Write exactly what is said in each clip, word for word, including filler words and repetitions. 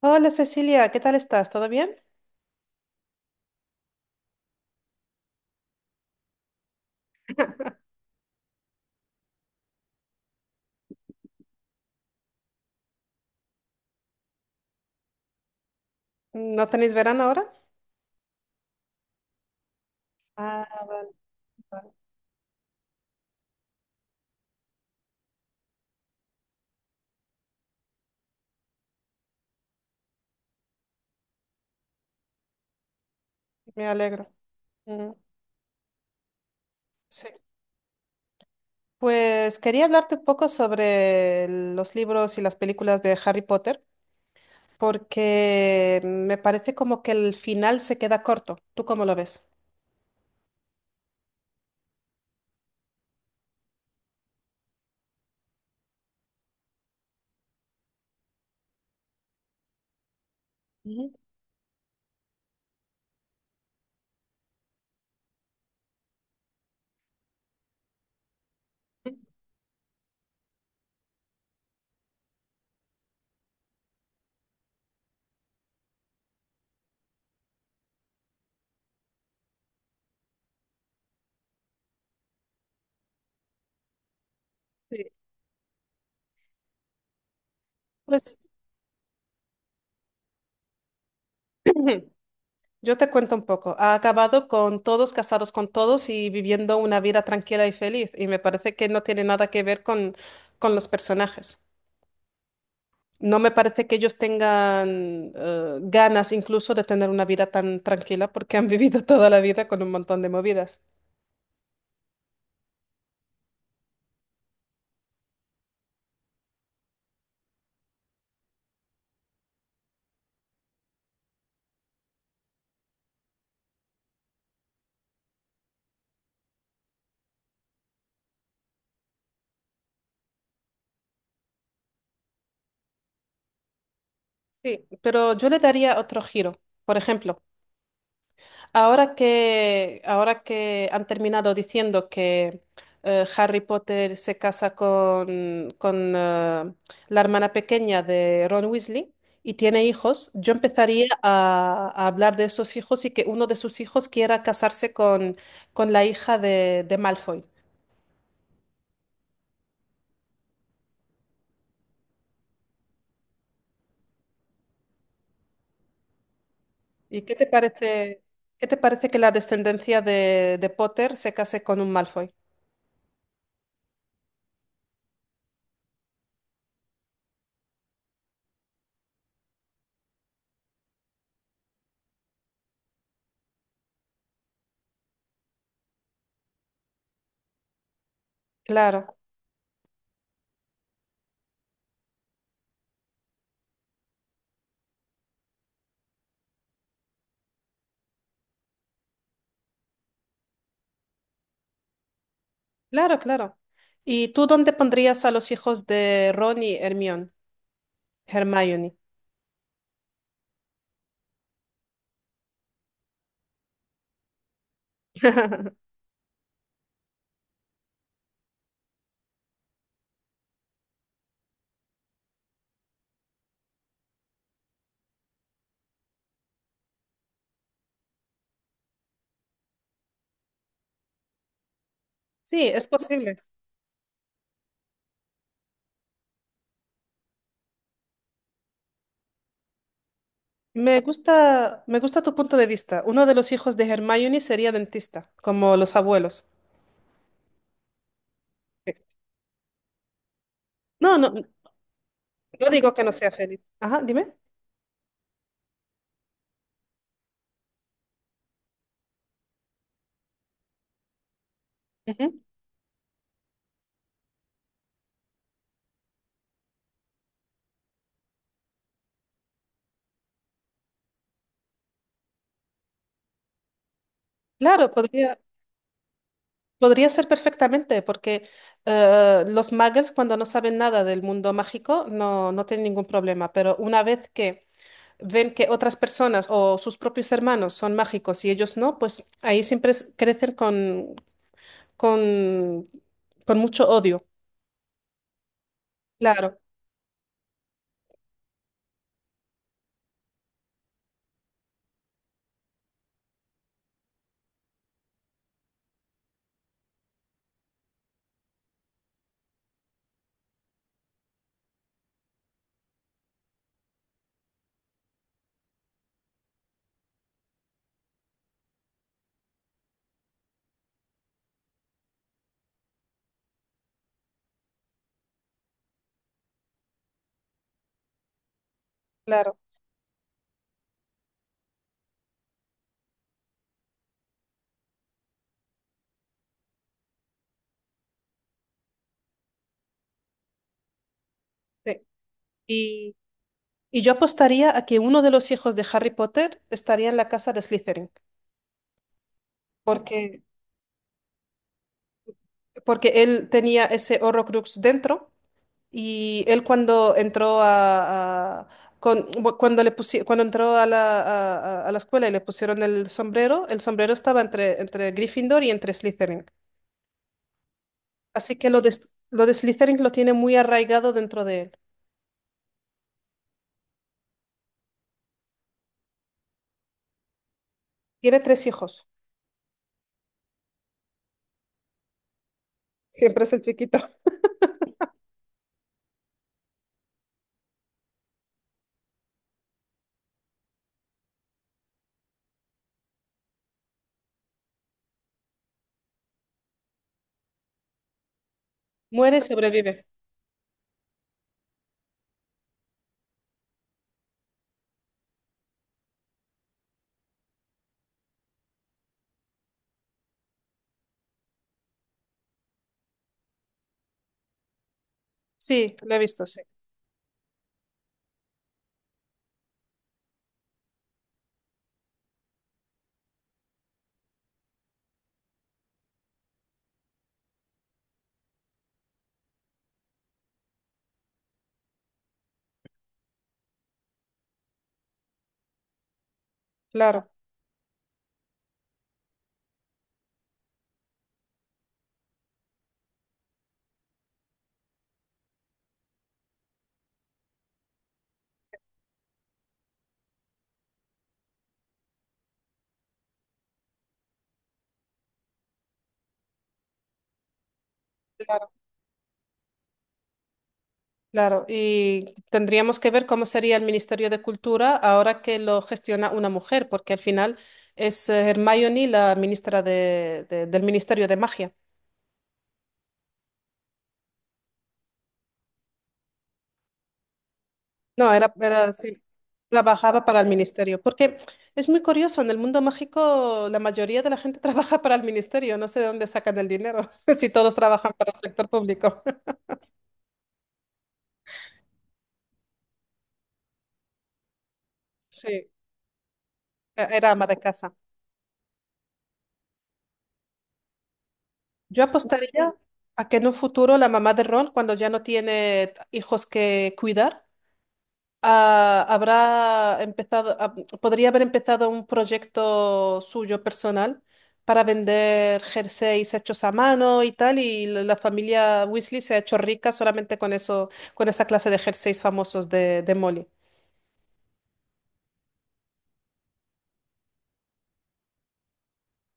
Hola Cecilia, ¿qué tal estás? ¿Todo bien? ¿No tenéis verano ahora? Ah, me alegro. Mm, sí. Pues quería hablarte un poco sobre los libros y las películas de Harry Potter, porque me parece como que el final se queda corto. ¿Tú cómo lo ves? Ujú. Sí. Pues yo te cuento un poco. Ha acabado con todos casados con todos y viviendo una vida tranquila y feliz, y me parece que no tiene nada que ver con, con los personajes. No me parece que ellos tengan eh, ganas incluso de tener una vida tan tranquila porque han vivido toda la vida con un montón de movidas. Sí, pero yo le daría otro giro. Por ejemplo, ahora que, ahora que han terminado diciendo que eh, Harry Potter se casa con, con eh, la hermana pequeña de Ron Weasley y tiene hijos, yo empezaría a, a hablar de esos hijos y que uno de sus hijos quiera casarse con, con la hija de, de Malfoy. ¿Y qué te parece, qué te parece que la descendencia de, de Potter se case con un Malfoy? Claro, claro, claro. ¿Y tú dónde pondrías a los hijos de Ron y Hermione? Hermione. Sí, es posible. Me gusta, me gusta tu punto de vista. Uno de los hijos de Hermione sería dentista, como los abuelos. Sí. No, no, no digo que no sea feliz. Ajá, dime. Ujú. Claro, podría. Podría ser perfectamente, porque eh, los muggles cuando no saben nada del mundo mágico, no, no tienen ningún problema, pero una vez que ven que otras personas o sus propios hermanos son mágicos y ellos no, pues ahí siempre es- crecen con, con, con mucho odio. Claro, claro. Sí. Y, y yo apostaría a que uno de los hijos de Harry Potter estaría en la casa de Slytherin, porque, porque él tenía ese Horrocrux dentro. Y él cuando entró a, a- con- bu- cuando le pusi- cuando entró a la, a, a- a la escuela y le pusieron el sombrero, el sombrero estaba entre, entre Gryffindor y entre Slytherin. Así que lo de, S- lo de Slytherin lo tiene muy arraigado dentro de él. Tiene tres hijos. Siempre es el chiquito. Muere y sobrevive. Sí, lo he visto, sí. Claro. Claro. Claro, y tendríamos que ver cómo sería el Ministerio de Cultura ahora que lo gestiona una mujer, porque al final es eh, Hermione la ministra de- de- del Ministerio de Magia. No, era, era sí, trabajaba para el ministerio, porque es muy curioso, en el mundo mágico la mayoría de la gente trabaja para el ministerio, no sé de dónde sacan el dinero, si todos trabajan para el sector público. Sí, e- era ama de casa. Yo apostaría a que en un futuro la mamá de Ron, cuando ya no tiene t- hijos que cuidar, ah, habrá empezado, ah, podría haber empezado un proyecto suyo personal para vender jerseys hechos a mano y tal, y la la familia Weasley se ha hecho rica solamente con eso, con esa clase de jerseys famosos de, de Molly.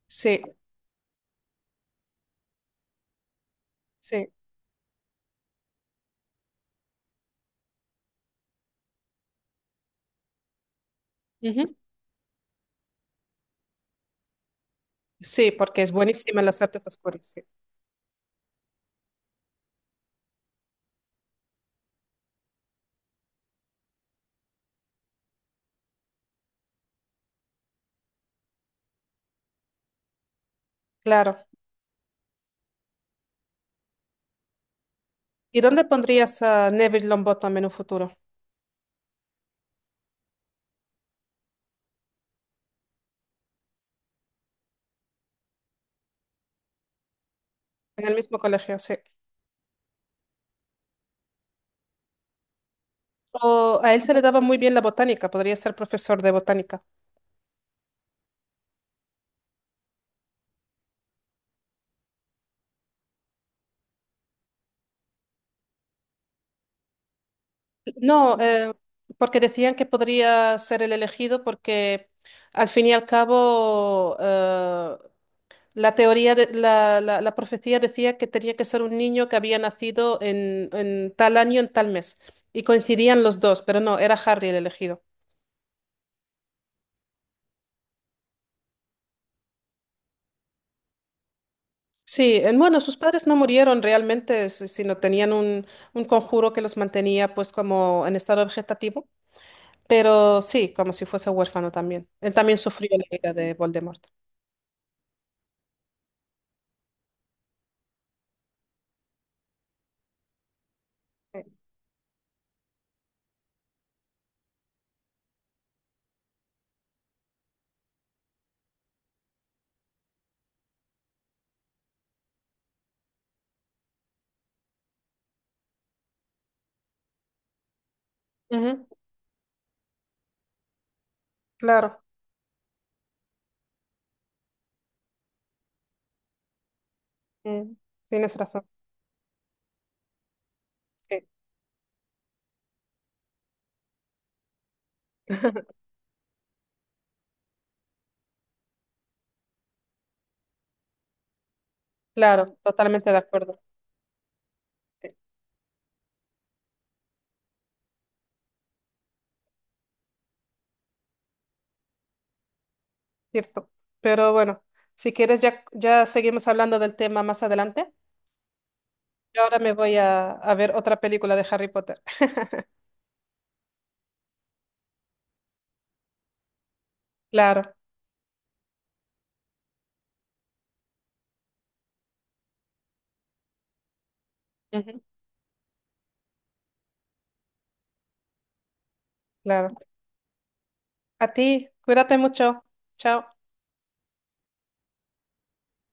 Sí, sí. Ujú. Sí, porque es buenísima en las artes oscuras, sí. Claro. ¿Y dónde pondrías a Neville Longbottom en un futuro? En el mismo colegio, sí. O a él se le daba muy bien la botánica, podría ser profesor de botánica. No, eh, porque decían que podría ser el elegido porque al fin y al cabo eh, la teoría de, la, la- la profecía decía que tenía que ser un niño que había nacido en, en tal año, en tal mes. Y coincidían los dos, pero no, era Harry el elegido. Sí, eh, bueno, sus padres no murieron realmente, si- sino tenían un, un conjuro que los mantenía pues como en estado vegetativo, pero sí, como si fuese huérfano también. Él también sufrió la ira de Voldemort. Ujú, claro. Mm, tienes razón, sí, claro, totalmente de acuerdo, sí, cierto. Pero bueno, si quieres ya, ya seguimos hablando del tema más adelante. Yo ahora me voy a, a ver otra película de Harry Potter. Claro, ujú, claro. A ti, cuídate mucho. Chao.